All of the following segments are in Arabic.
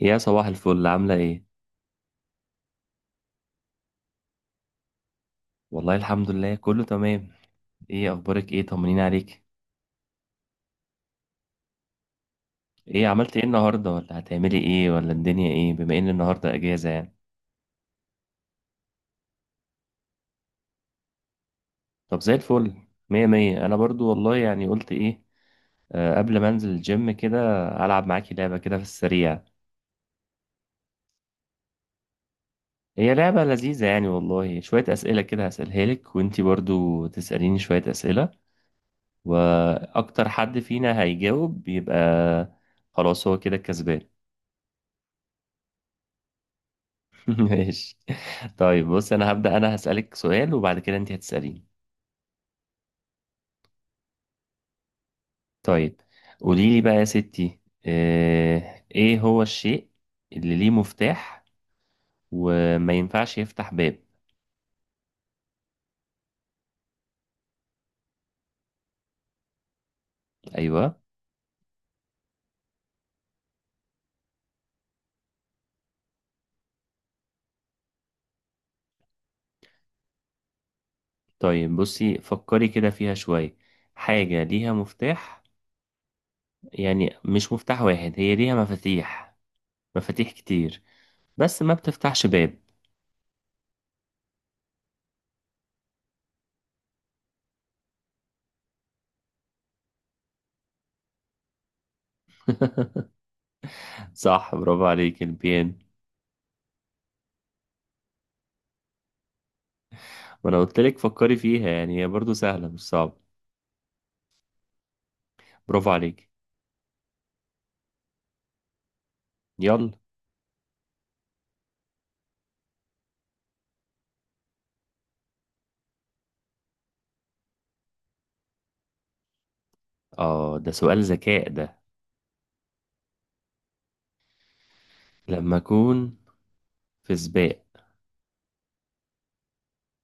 يا صباح الفل، عاملة ايه؟ والله الحمد لله كله تمام. ايه اخبارك، ايه طمنين عليك. ايه عملت ايه النهاردة، ولا هتعملي ايه، ولا الدنيا ايه، بما ان النهاردة اجازة يعني. طب زي الفل، مية مية. انا برضو والله، يعني قلت ايه، قبل ما انزل الجيم كده العب معاكي لعبة كده في السريع. هي لعبة لذيذة يعني والله، شوية اسئلة كده هسألها لك، وانتي برضو تسأليني شوية اسئلة، واكتر حد فينا هيجاوب يبقى خلاص هو كده الكسبان. ماشي. طيب بص، انا هسألك سؤال، وبعد كده انت هتسأليني. طيب قولي لي بقى يا ستي، ايه هو الشيء اللي ليه مفتاح وما ينفعش يفتح باب؟ ايوه. طيب بصي فكري كده فيها شوية. حاجة ليها مفتاح، يعني مش مفتاح واحد، هي ليها مفاتيح، مفاتيح كتير، بس ما بتفتحش باب. صح، برافو عليك، البيان. وانا قلت لك فكري فيها، يعني هي برضو سهلة مش صعبة. برافو عليك. يلا. اه ده سؤال ذكاء ده. لما اكون في سباق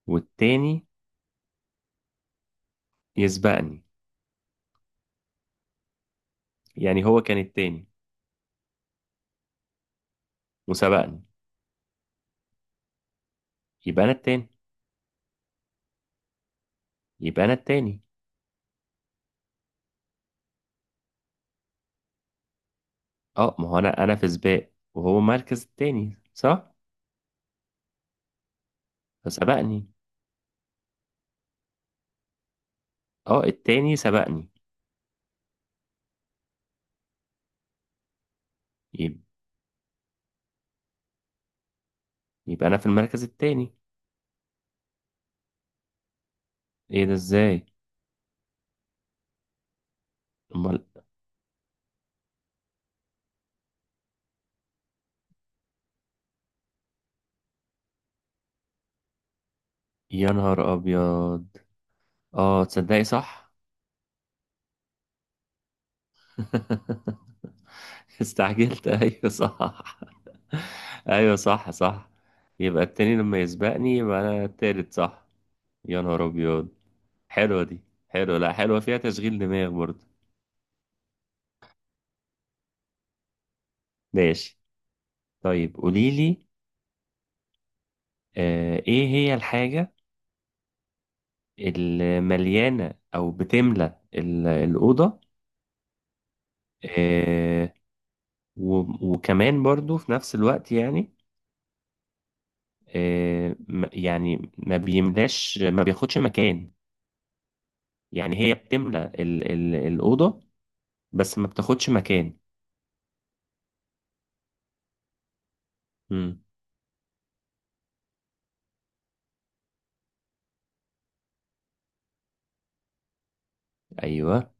والتاني يسبقني، يعني هو كان التاني وسبقني، يبقى انا التاني. يبقى انا التاني. اه ما هو انا في سباق، وهو مركز التاني، صح؟ فسبقني. اه التاني سبقني. يب- يبقى انا في المركز التاني. ايه ده ازاي؟ امال. يا نهار ابيض. اه تصدقي صح. استعجلت، ايوه صح. ايوه صح صح. يبقى التاني لما يسبقني يبقى انا التالت، صح. يا نهار ابيض. حلوه دي. حلوه، لا حلوه، فيها تشغيل دماغ برضه. ماشي. طيب قوليلي، ايه هي الحاجه اللي مليانه او بتملى الاوضه، آه وكمان برضه في نفس الوقت يعني، يعني ما بيملاش، ما بياخدش مكان. يعني هي بتملى الأوضة بس ما بتاخدش مكان. امم. ايوه.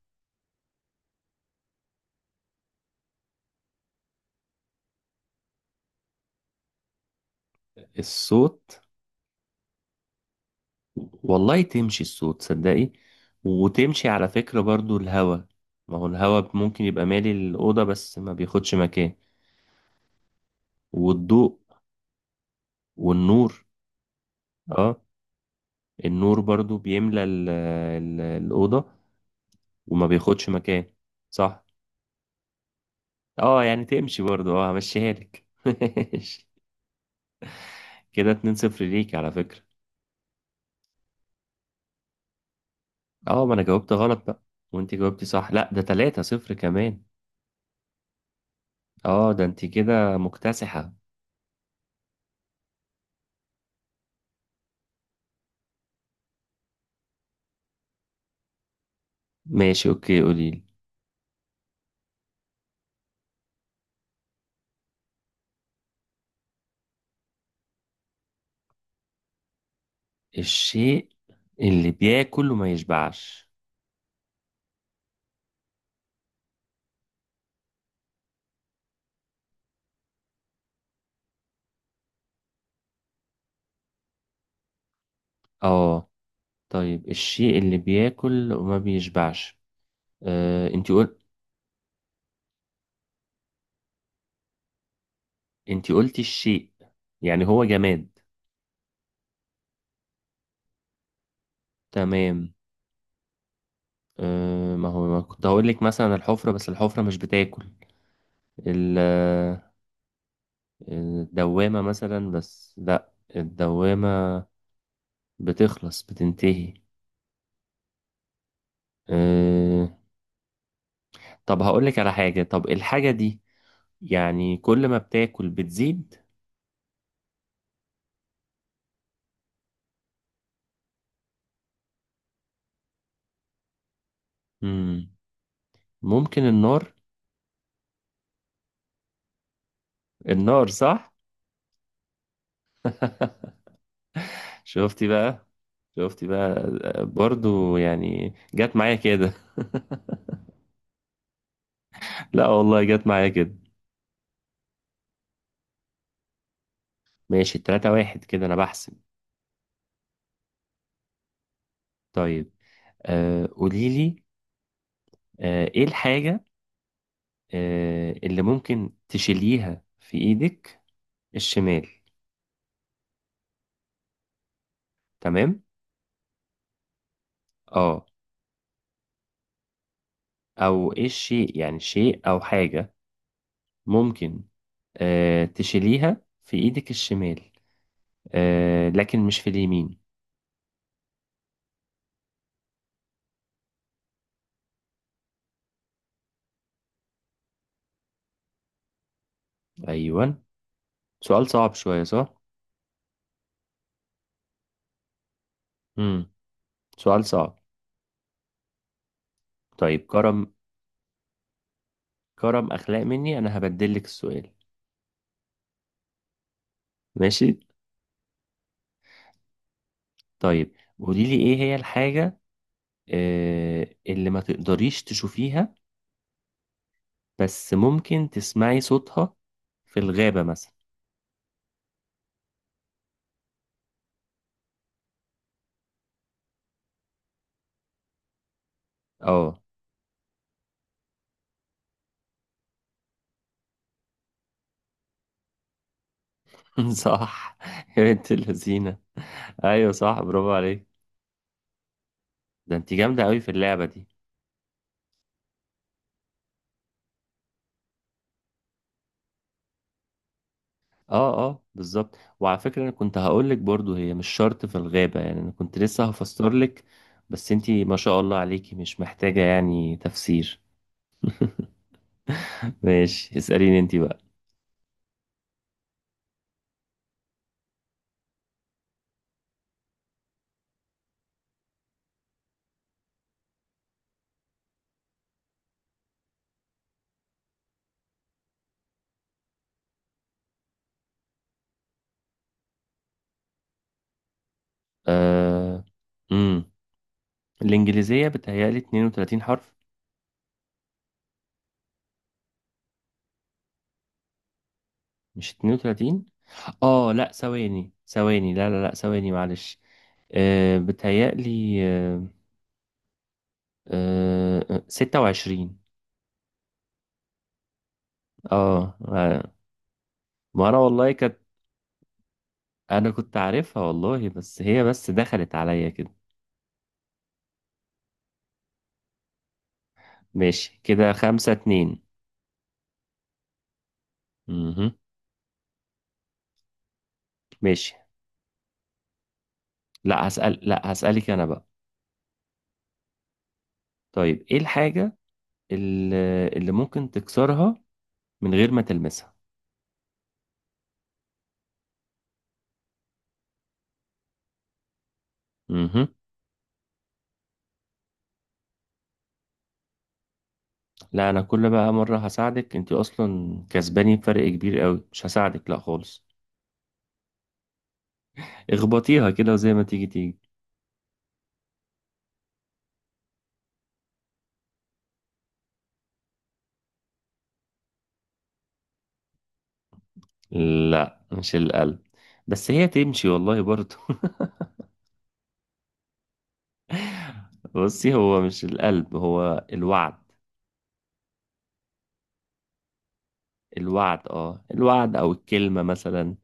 الصوت. والله تمشي الصوت صدقي، وتمشي على فكرة برضو الهوا. ما هو الهوا ممكن يبقى مالي الأوضة بس ما بياخدش مكان. والضوء. والنور. اه، النور برضو بيملى الأوضة وما بياخدش مكان. صح. اه يعني تمشي برضو، اه همشيها لك. كده 2 صفر ليك على فكرة. اه ما انا جاوبت غلط بقى، وانت جاوبتي صح. لا ده 3 صفر كمان. اه ده انت كده مكتسحة. ماشي اوكي قوليلي. الشيء اللي بياكل وما يشبعش. اه طيب، الشيء اللي بياكل وما بيشبعش. آه انت قلت، انت قلتي الشيء، يعني هو جماد. تمام. آه ما هو ما كنت هقول لك مثلا الحفرة، بس الحفرة مش بتاكل. ال- آه، الدوامة مثلا، بس لا الدوامة بتخلص بتنتهي. آه طب هقول لك على حاجة، طب الحاجة دي يعني كل ما بتاكل بتزيد. مم. ممكن النار. النار صح. شفتي بقى، شفتي بقى. برضو يعني جت معايا كده. لا والله جت معايا كده. ماشي، 3-1 كده انا بحسب. طيب. قولي لي، ايه الحاجة اللي ممكن تشيليها في ايدك الشمال. تمام. اه. او ايه الشيء، يعني شيء او حاجة ممكن تشيليها في ايدك الشمال، لكن مش في اليمين. أيوة. سؤال صعب شوية صح؟ مم. سؤال صعب. طيب كرم، كرم أخلاق مني أنا هبدل لك السؤال. ماشي؟ طيب قولي لي إيه هي الحاجة اللي ما تقدريش تشوفيها بس ممكن تسمعي صوتها، في الغابة مثلا. اه. صح. يا بنت اللذينة. أيوة صح، برافو عليك. ده أنت جامدة أوي في اللعبة دي. اه اه بالظبط. وعلى فكرة انا كنت هقول لك برضو هي مش شرط في الغابة، يعني انا كنت لسه هفسر لك، بس انتي ما شاء الله عليكي مش محتاجة يعني تفسير. ماشي اسأليني انتي بقى. آه... امم الانجليزية بتهيألي 32 حرف. مش 32. اه لا، ثواني ثواني، لا لا لا ثواني معلش. بتهيألي 26. اه ما انا والله كانت، انا كنت عارفها والله، بس هي بس دخلت عليا كده. ماشي كده خمسة اتنين. مهم. ماشي. لا هسألك انا بقى. طيب ايه الحاجة اللي ممكن تكسرها من غير ما تلمسها؟ مهم. لا انا كل بقى مرة هساعدك، انت اصلا كسباني بفرق كبير قوي، مش هساعدك لا خالص. اخبطيها كده وزي ما تيجي تيجي. لا مش القلب، بس هي تمشي والله برضه. بصي، هو مش القلب، هو الوعد. الوعد، اه الوعد او الكلمة مثلا.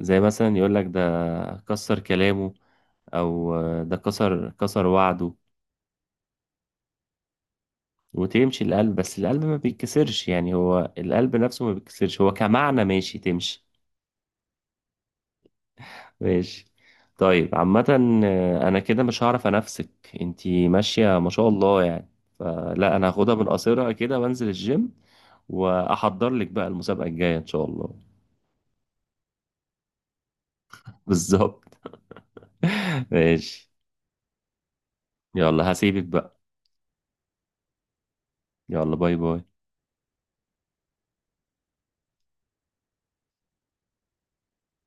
زي مثلا يقول لك ده كسر كلامه، او ده كسر وعده. وتمشي القلب، بس القلب ما بيتكسرش يعني، هو القلب نفسه ما بيتكسرش، هو كمعنى ماشي تمشي. ماشي. طيب عامة، انا كده مش هعرف انافسك، انتي ماشية ما شاء الله يعني. فلا انا هاخدها من قصيرها كده وانزل الجيم، واحضر لك بقى المسابقة الجاية ان شاء الله. بالظبط. ماشي. يلا هسيبك بقى. يلا باي باي.